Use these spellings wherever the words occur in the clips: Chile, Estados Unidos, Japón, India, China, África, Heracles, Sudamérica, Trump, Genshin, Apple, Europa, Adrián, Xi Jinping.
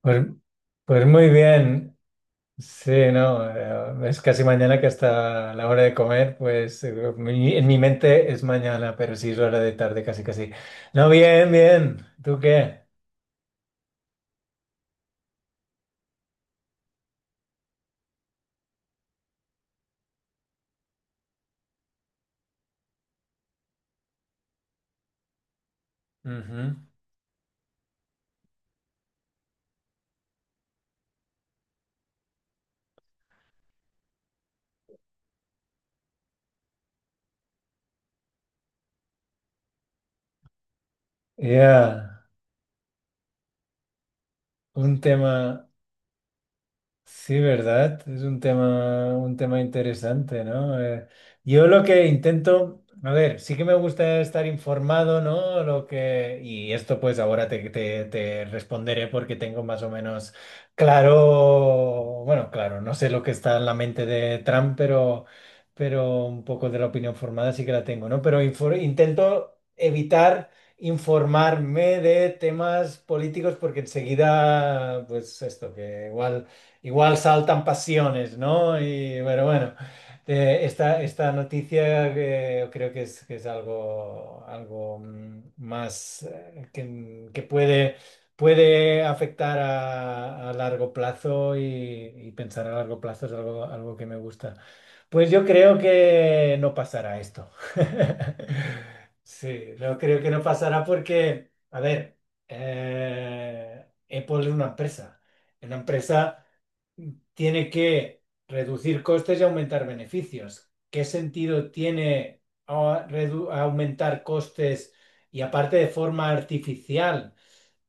Pues, pues muy bien, sí, no, es casi mañana que hasta la hora de comer, pues en mi mente es mañana, pero sí es hora de tarde, casi casi. No, bien, bien, ¿tú qué? Ujú. Ya. Un tema. Sí, ¿verdad? Es un tema interesante, ¿no? Yo lo que intento, a ver, sí que me gusta estar informado, ¿no? Lo que, y esto pues ahora te responderé porque tengo más o menos claro, bueno, claro, no sé lo que está en la mente de Trump, pero, un poco de la opinión formada sí que la tengo, ¿no? Pero intento evitar informarme de temas políticos porque enseguida, pues esto, que igual saltan pasiones, ¿no? Y, pero bueno, esta noticia que creo que es algo, más que puede afectar a largo plazo y pensar a largo plazo es algo, que me gusta. Pues yo creo que no pasará esto. Sí, no creo que no pasará porque, a ver, Apple es una empresa. Una empresa tiene que reducir costes y aumentar beneficios. ¿Qué sentido tiene aumentar costes y aparte de forma artificial?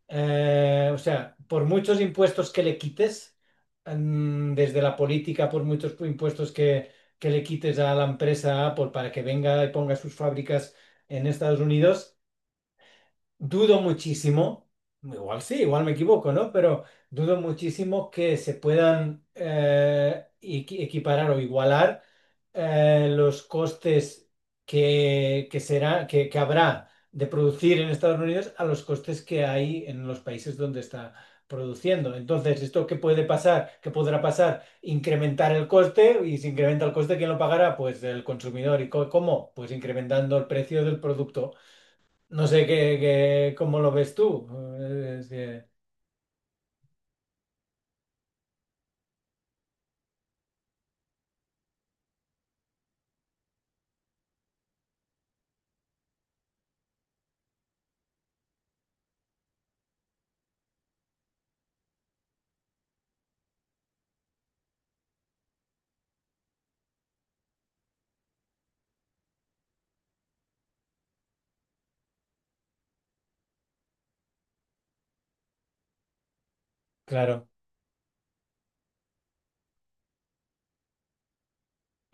O sea, por muchos impuestos que le quites, desde la política, por muchos impuestos que le quites a la empresa Apple para que venga y ponga sus fábricas en Estados Unidos, dudo muchísimo. Igual sí, igual me equivoco, ¿no? Pero dudo muchísimo que se puedan equiparar o igualar los costes que será, que habrá de producir en Estados Unidos a los costes que hay en los países donde está produciendo. Entonces, ¿esto qué puede pasar? ¿Qué podrá pasar? Incrementar el coste, y si incrementa el coste, ¿quién lo pagará? Pues el consumidor. ¿Y cómo? Pues incrementando el precio del producto. No sé cómo lo ves tú. Eh, es que- claro.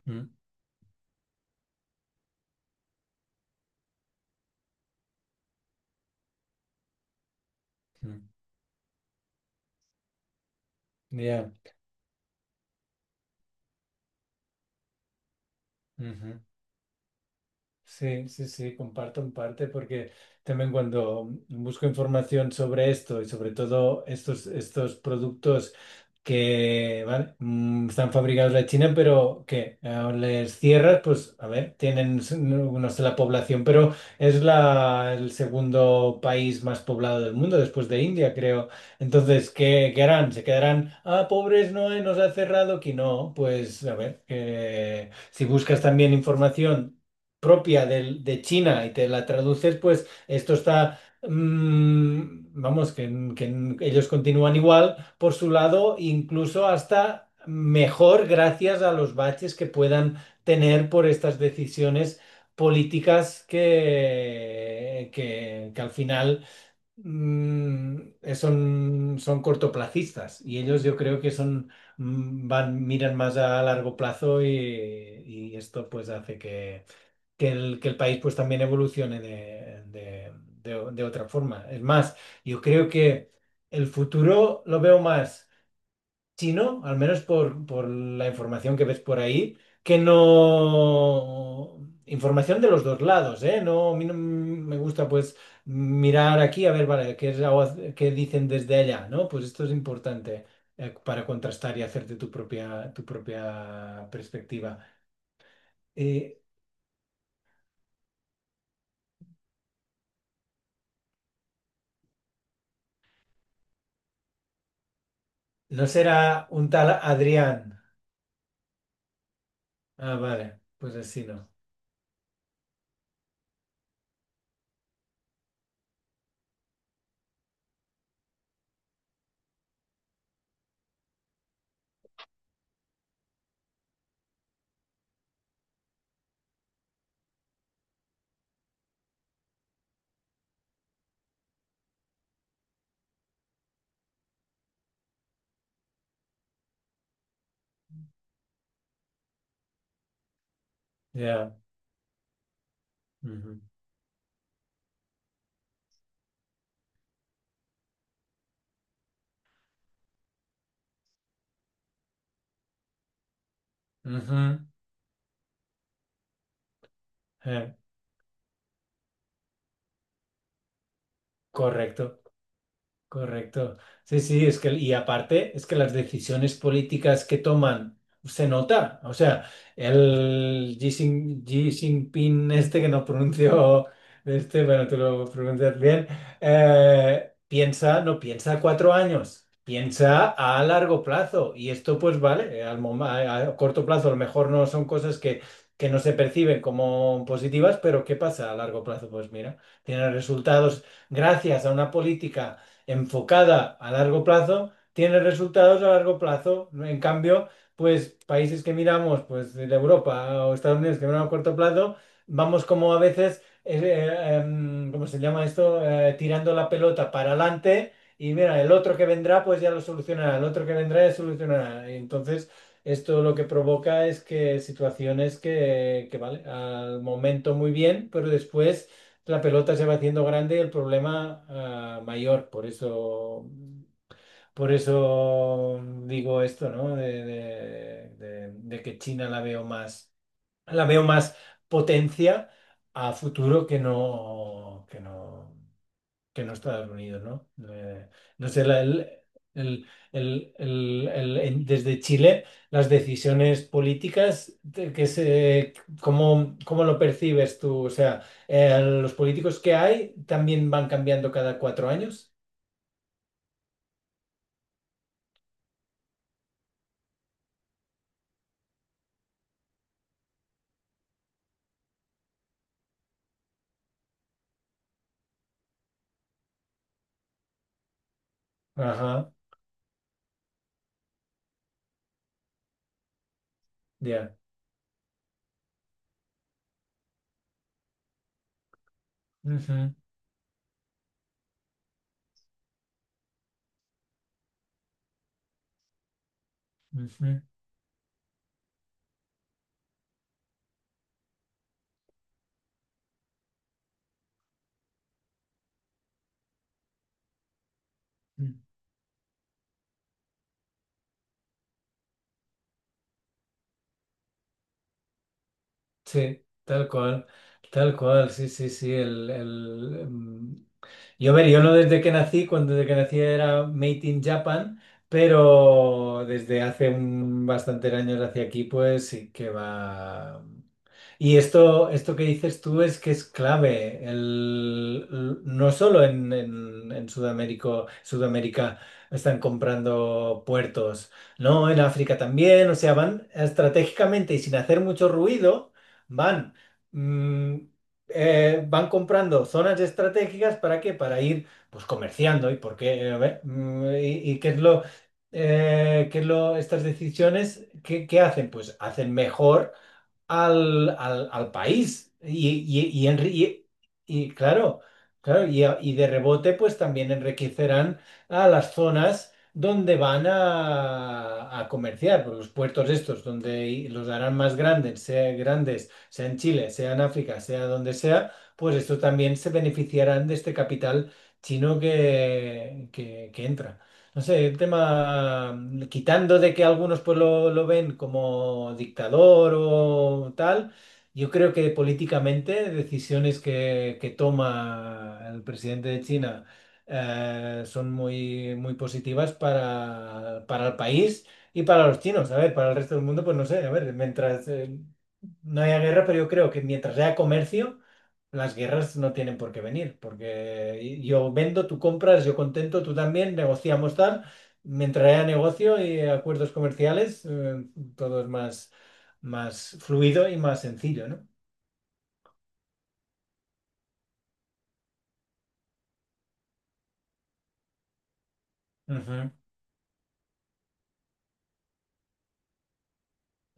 Mm. Mm. Ya. Ujú. Sí, sí, sí, comparto en parte porque también cuando busco información sobre esto y sobre todo estos productos que, vale, están fabricados en China, pero que les cierras, pues a ver, tienen, no, no sé la población, pero es el segundo país más poblado del mundo después de India, creo. Entonces, ¿qué harán? ¿Se quedarán, ah, pobres, no, nos ha cerrado aquí? No, pues a ver, que si buscas también información propia de China y te la traduces, pues esto está, vamos, que ellos continúan igual por su lado, incluso hasta mejor gracias a los baches que puedan tener por estas decisiones políticas que al final, mm, son, cortoplacistas, y ellos yo creo que son... miran más a largo plazo, y esto pues hace que el país pues también evolucione de otra forma. Es más, yo creo que el futuro lo veo más chino, al menos por, la información que ves por ahí, que no. Información de los dos lados, ¿eh? No, a mí no me gusta pues mirar aquí, a ver, vale, qué dicen desde allá, ¿no? Pues esto es importante para contrastar y hacerte tu propia, perspectiva. Eh, ¿No será un tal Adrián? Ah, vale, pues así no. Ya. Ujú. Ujú. Eh, Correcto. Correcto. Sí, sí, es que, y aparte, es que las decisiones políticas que toman se nota. O sea, el Xi Jinping, este que no pronunció, este, bueno, tú lo pronuncias bien, piensa, no piensa a 4 años, piensa a largo plazo. Y esto, pues vale, a corto plazo a lo mejor no son cosas que no se perciben como positivas, pero ¿qué pasa a largo plazo? Pues mira, tiene resultados gracias a una política enfocada a largo plazo, tiene resultados a largo plazo. En cambio, pues países que miramos, pues de Europa o Estados Unidos, que miramos a corto plazo, vamos como a veces, ¿cómo se llama esto? Tirando la pelota para adelante. Y mira, el otro que vendrá, pues ya lo solucionará, el otro que vendrá ya solucionará. Y entonces, esto lo que provoca es que situaciones vale, al momento muy bien, pero después la pelota se va haciendo grande y el problema, mayor. Por eso, por eso digo esto, ¿no? De que China la veo más potencia a futuro que no, Estados Unidos, ¿no? No sé, el- desde Chile, las decisiones políticas, ¿cómo lo percibes tú? O sea, los políticos que hay también van cambiando cada 4 años. Ajá, ya. Ujú, ujú. Sí, tal cual, sí, sí, sí. Yo, a ver, yo no desde que nací, cuando desde que nací era Made in Japan, pero desde hace bastantes años hacia aquí, pues sí que va. Y esto, que dices tú es que es clave, no solo en Sudamérica, Sudamérica están comprando puertos, ¿no? En África también, o sea, van estratégicamente y sin hacer mucho ruido, van, mm, van comprando zonas estratégicas para qué, para ir pues comerciando, y por qué, y qué es lo, estas decisiones, ¿qué hacen? Pues hacen mejor al país. Y claro, claro, y de rebote, pues también enriquecerán a las zonas donde van a comerciar, por los puertos estos, donde los harán más grandes, sea en Chile, sea en África, sea donde sea, pues esto también se beneficiarán de este capital chino que entra. No sé, el tema, quitando de que algunos pues lo ven como dictador o tal, yo creo que políticamente decisiones que toma el presidente de China son muy, muy positivas para el país y para los chinos. A ver, para el resto del mundo, pues no sé, a ver, mientras no haya guerra. Pero yo creo que mientras haya comercio las guerras no tienen por qué venir, porque yo vendo, tú compras, yo contento, tú también, negociamos, tal, mientras haya negocio y acuerdos comerciales, todo es más, fluido y más sencillo, ¿no?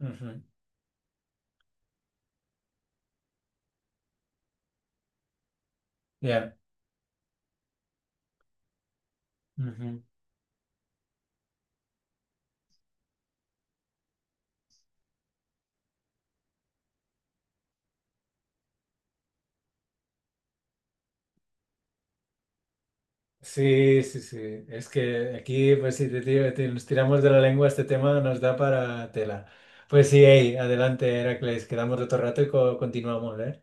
Ujú, ujú. Ya. Ujú. Sí, sí, sí. Es que aquí, pues si te, nos tiramos de la lengua este tema, nos da para tela. Pues sí, ey, adelante, Heracles, quedamos otro rato y continuamos, ¿eh?